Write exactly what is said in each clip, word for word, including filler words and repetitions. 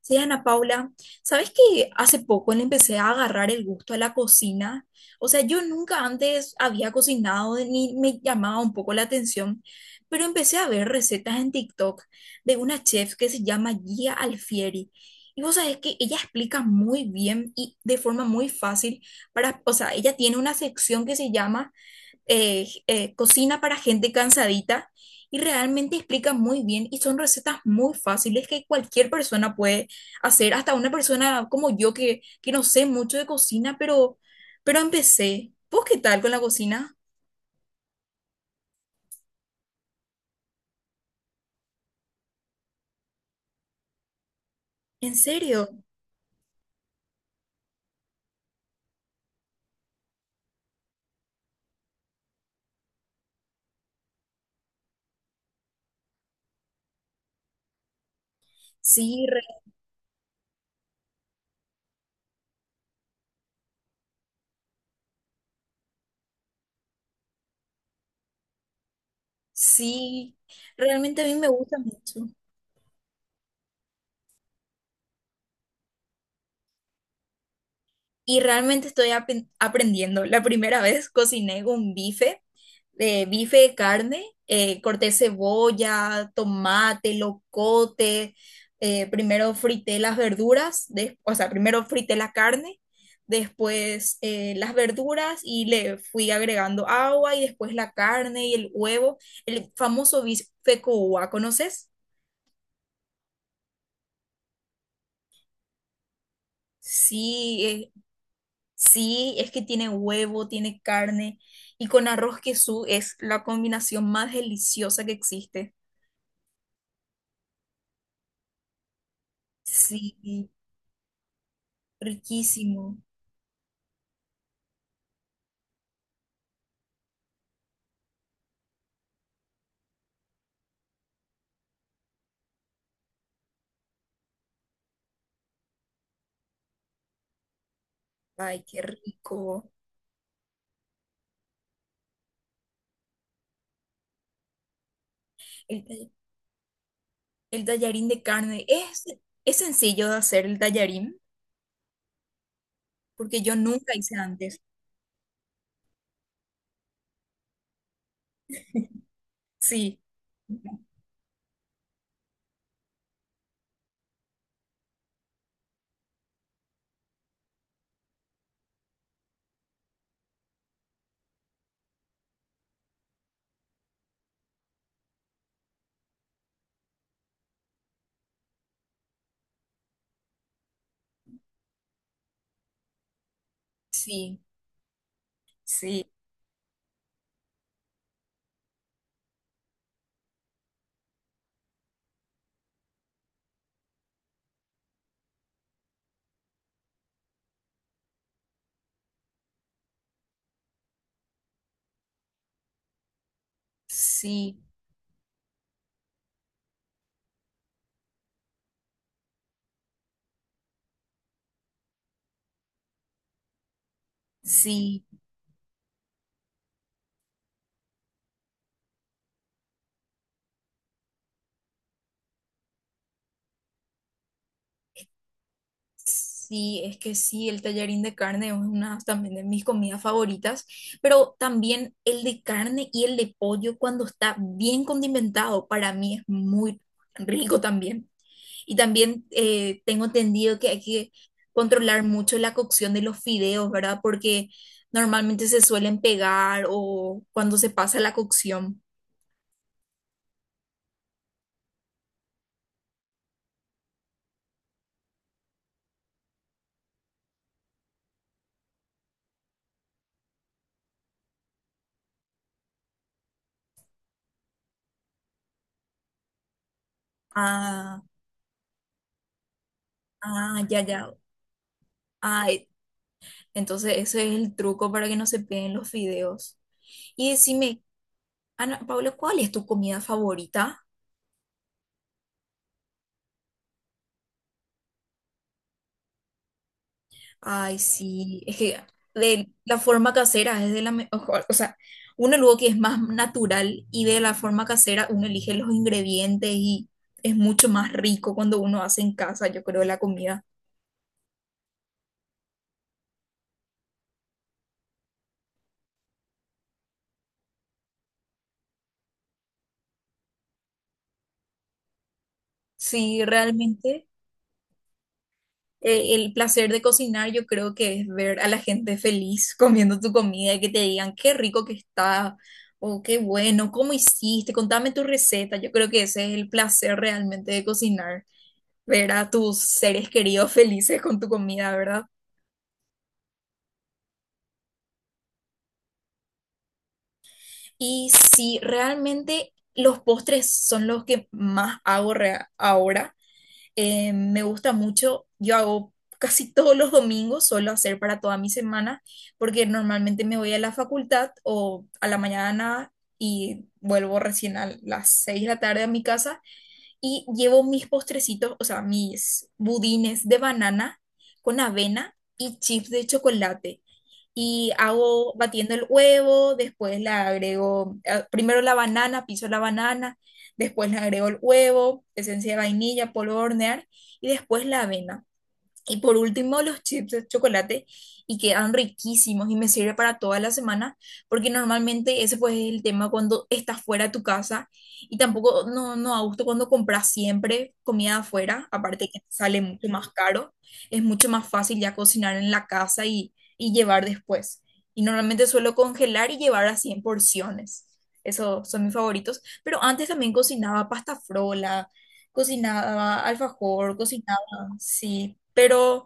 Sí, Ana Paula, ¿sabes que hace poco le empecé a agarrar el gusto a la cocina? O sea, yo nunca antes había cocinado ni me llamaba un poco la atención, pero empecé a ver recetas en TikTok de una chef que se llama Gia Alfieri. Y vos sabés que ella explica muy bien y de forma muy fácil para, o sea, ella tiene una sección que se llama eh, eh, cocina para gente cansadita y realmente explica muy bien y son recetas muy fáciles que cualquier persona puede hacer, hasta una persona como yo que, que no sé mucho de cocina, pero, pero empecé. ¿Vos qué tal con la cocina? ¿En serio? Sí, re- sí, realmente a mí me gusta mucho. Y realmente estoy apen- aprendiendo. La primera vez cociné un bife, de bife de carne, eh, corté cebolla, tomate, locote, eh, primero frité las verduras, des- o sea, primero frité la carne, después eh, las verduras y le fui agregando agua y después la carne y el huevo, el famoso bife con uva, ¿conoces? Sí, eh, sí, es que tiene huevo, tiene carne y con arroz queso es la combinación más deliciosa que existe. Sí, riquísimo. Ay, qué rico. El, ta- el tallarín de carne es, es sencillo de hacer el tallarín porque yo nunca hice antes. Sí, sí, sí, sí, sí. Sí, es que sí, el tallarín de carne es una también de mis comidas favoritas, pero también el de carne y el de pollo cuando está bien condimentado, para mí es muy rico también. Y también eh, tengo entendido que hay que controlar mucho la cocción de los fideos, ¿verdad? Porque normalmente se suelen pegar o cuando se pasa la cocción. Ah, ah, ya, ya. Ah, eh, entonces ese es el truco para que no se peguen los fideos. Y decime, Ana Paula, ¿cuál es tu comida favorita? Ay, sí, es que de la forma casera es de la mejor, o sea, uno luego que es más natural y de la forma casera uno elige los ingredientes y es mucho más rico cuando uno hace en casa, yo creo, la comida. Sí, realmente eh, el placer de cocinar yo creo que es ver a la gente feliz comiendo tu comida y que te digan qué rico que está, o qué bueno, ¿cómo hiciste? Contame tu receta. Yo creo que ese es el placer realmente de cocinar, ver a tus seres queridos felices con tu comida, ¿verdad? Y sí, realmente los postres son los que más hago rea- ahora. Eh, me gusta mucho, yo hago casi todos los domingos, suelo hacer para toda mi semana, porque normalmente me voy a la facultad o a la mañana y vuelvo recién a las seis de la tarde a mi casa y llevo mis postrecitos, o sea, mis budines de banana con avena y chips de chocolate. Y hago batiendo el huevo, después le agrego, eh, primero la banana, piso la banana, después le agrego el huevo, esencia de vainilla, polvo de hornear y después la avena. Y por último, los chips de chocolate y quedan riquísimos y me sirve para toda la semana, porque normalmente ese pues es el tema cuando estás fuera de tu casa y tampoco no, no a gusto cuando compras siempre comida afuera, aparte que sale mucho más caro, es mucho más fácil ya cocinar en la casa y, y llevar después. Y normalmente suelo congelar y llevar así en porciones. Esos son mis favoritos, pero antes también cocinaba pasta frola, cocinaba alfajor, cocinaba. Sí, pero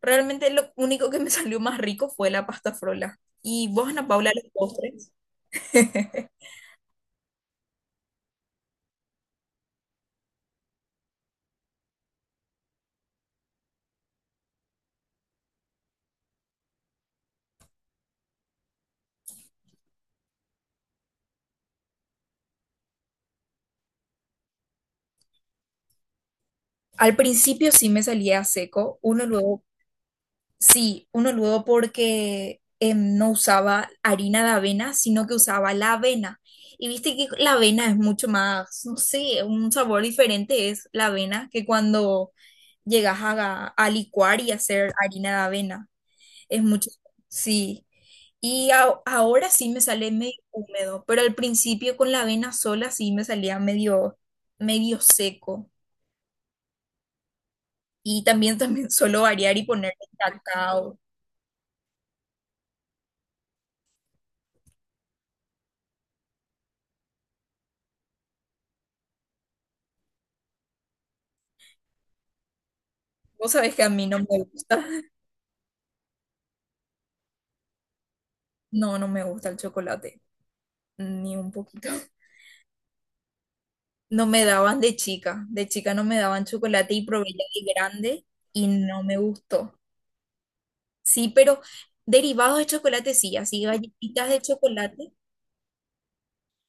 realmente lo único que me salió más rico fue la pasta frola. ¿Y vos, Ana Paula, los postres? Al principio sí me salía seco, uno luego, sí, uno luego porque em, no usaba harina de avena, sino que usaba la avena. Y viste que la avena es mucho más, no sé, un sabor diferente es la avena que cuando llegas a, a licuar y hacer harina de avena. Es mucho, sí. Y a- ahora sí me sale medio húmedo, pero al principio con la avena sola sí me salía medio, medio seco. Y también, también suelo variar y ponerle cacao. Vos sabés que a mí no me gusta. No, no me gusta el chocolate, ni un poquito. No me daban de chica, de chica no me daban chocolate y probé ya de grande y no me gustó. Sí, pero derivados de chocolate sí, así galletitas de chocolate.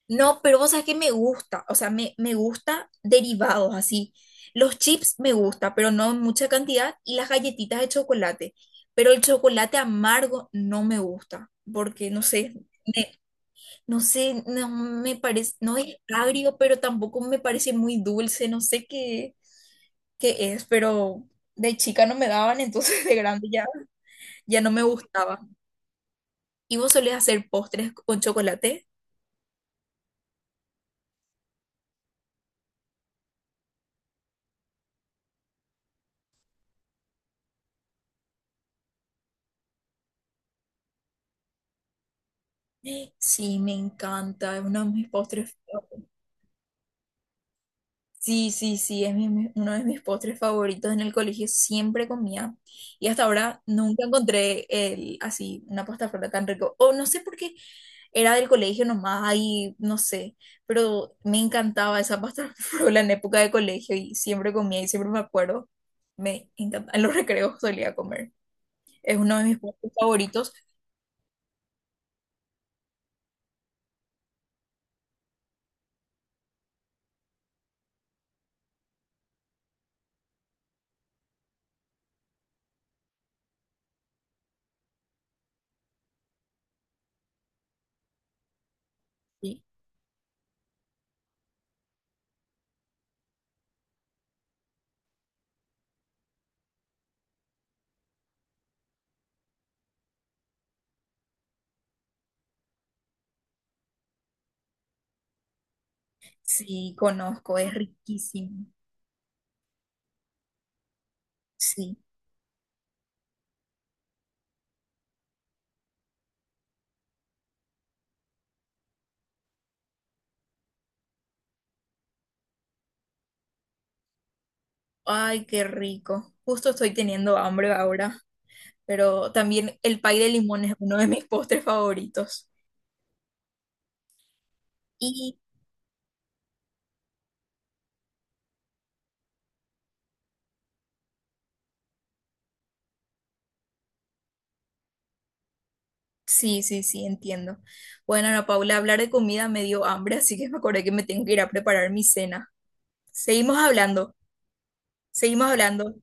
No, pero vos sabés que me gusta, o sea, me, me gusta derivados así. Los chips me gusta, pero no en mucha cantidad, y las galletitas de chocolate. Pero el chocolate amargo no me gusta, porque no sé, me- no sé, no me parece, no es agrio, pero tampoco me parece muy dulce, no sé qué, qué es, pero de chica no me daban, entonces de grande ya, ya no me gustaba. ¿Y vos solés hacer postres con chocolate? Sí, me encanta, es uno de mis postres. Sí, sí, sí, es mi- mi- uno de mis postres favoritos en el colegio, siempre comía. Y hasta ahora nunca encontré el, así una pasta frola tan rico. O no sé por qué era del colegio nomás, ahí no sé, pero me encantaba esa pasta frola en época de colegio y siempre comía y siempre me acuerdo. Me encantaba, en los recreos solía comer. Es uno de mis postres favoritos. Sí, sí, conozco, es riquísimo. Sí. Ay, qué rico. Justo estoy teniendo hambre ahora, pero también el pay de limón es uno de mis postres favoritos. Y sí, sí, sí, entiendo. Bueno, Ana Paula, hablar de comida me dio hambre, así que me acordé que me tengo que ir a preparar mi cena. Seguimos hablando, seguimos hablando.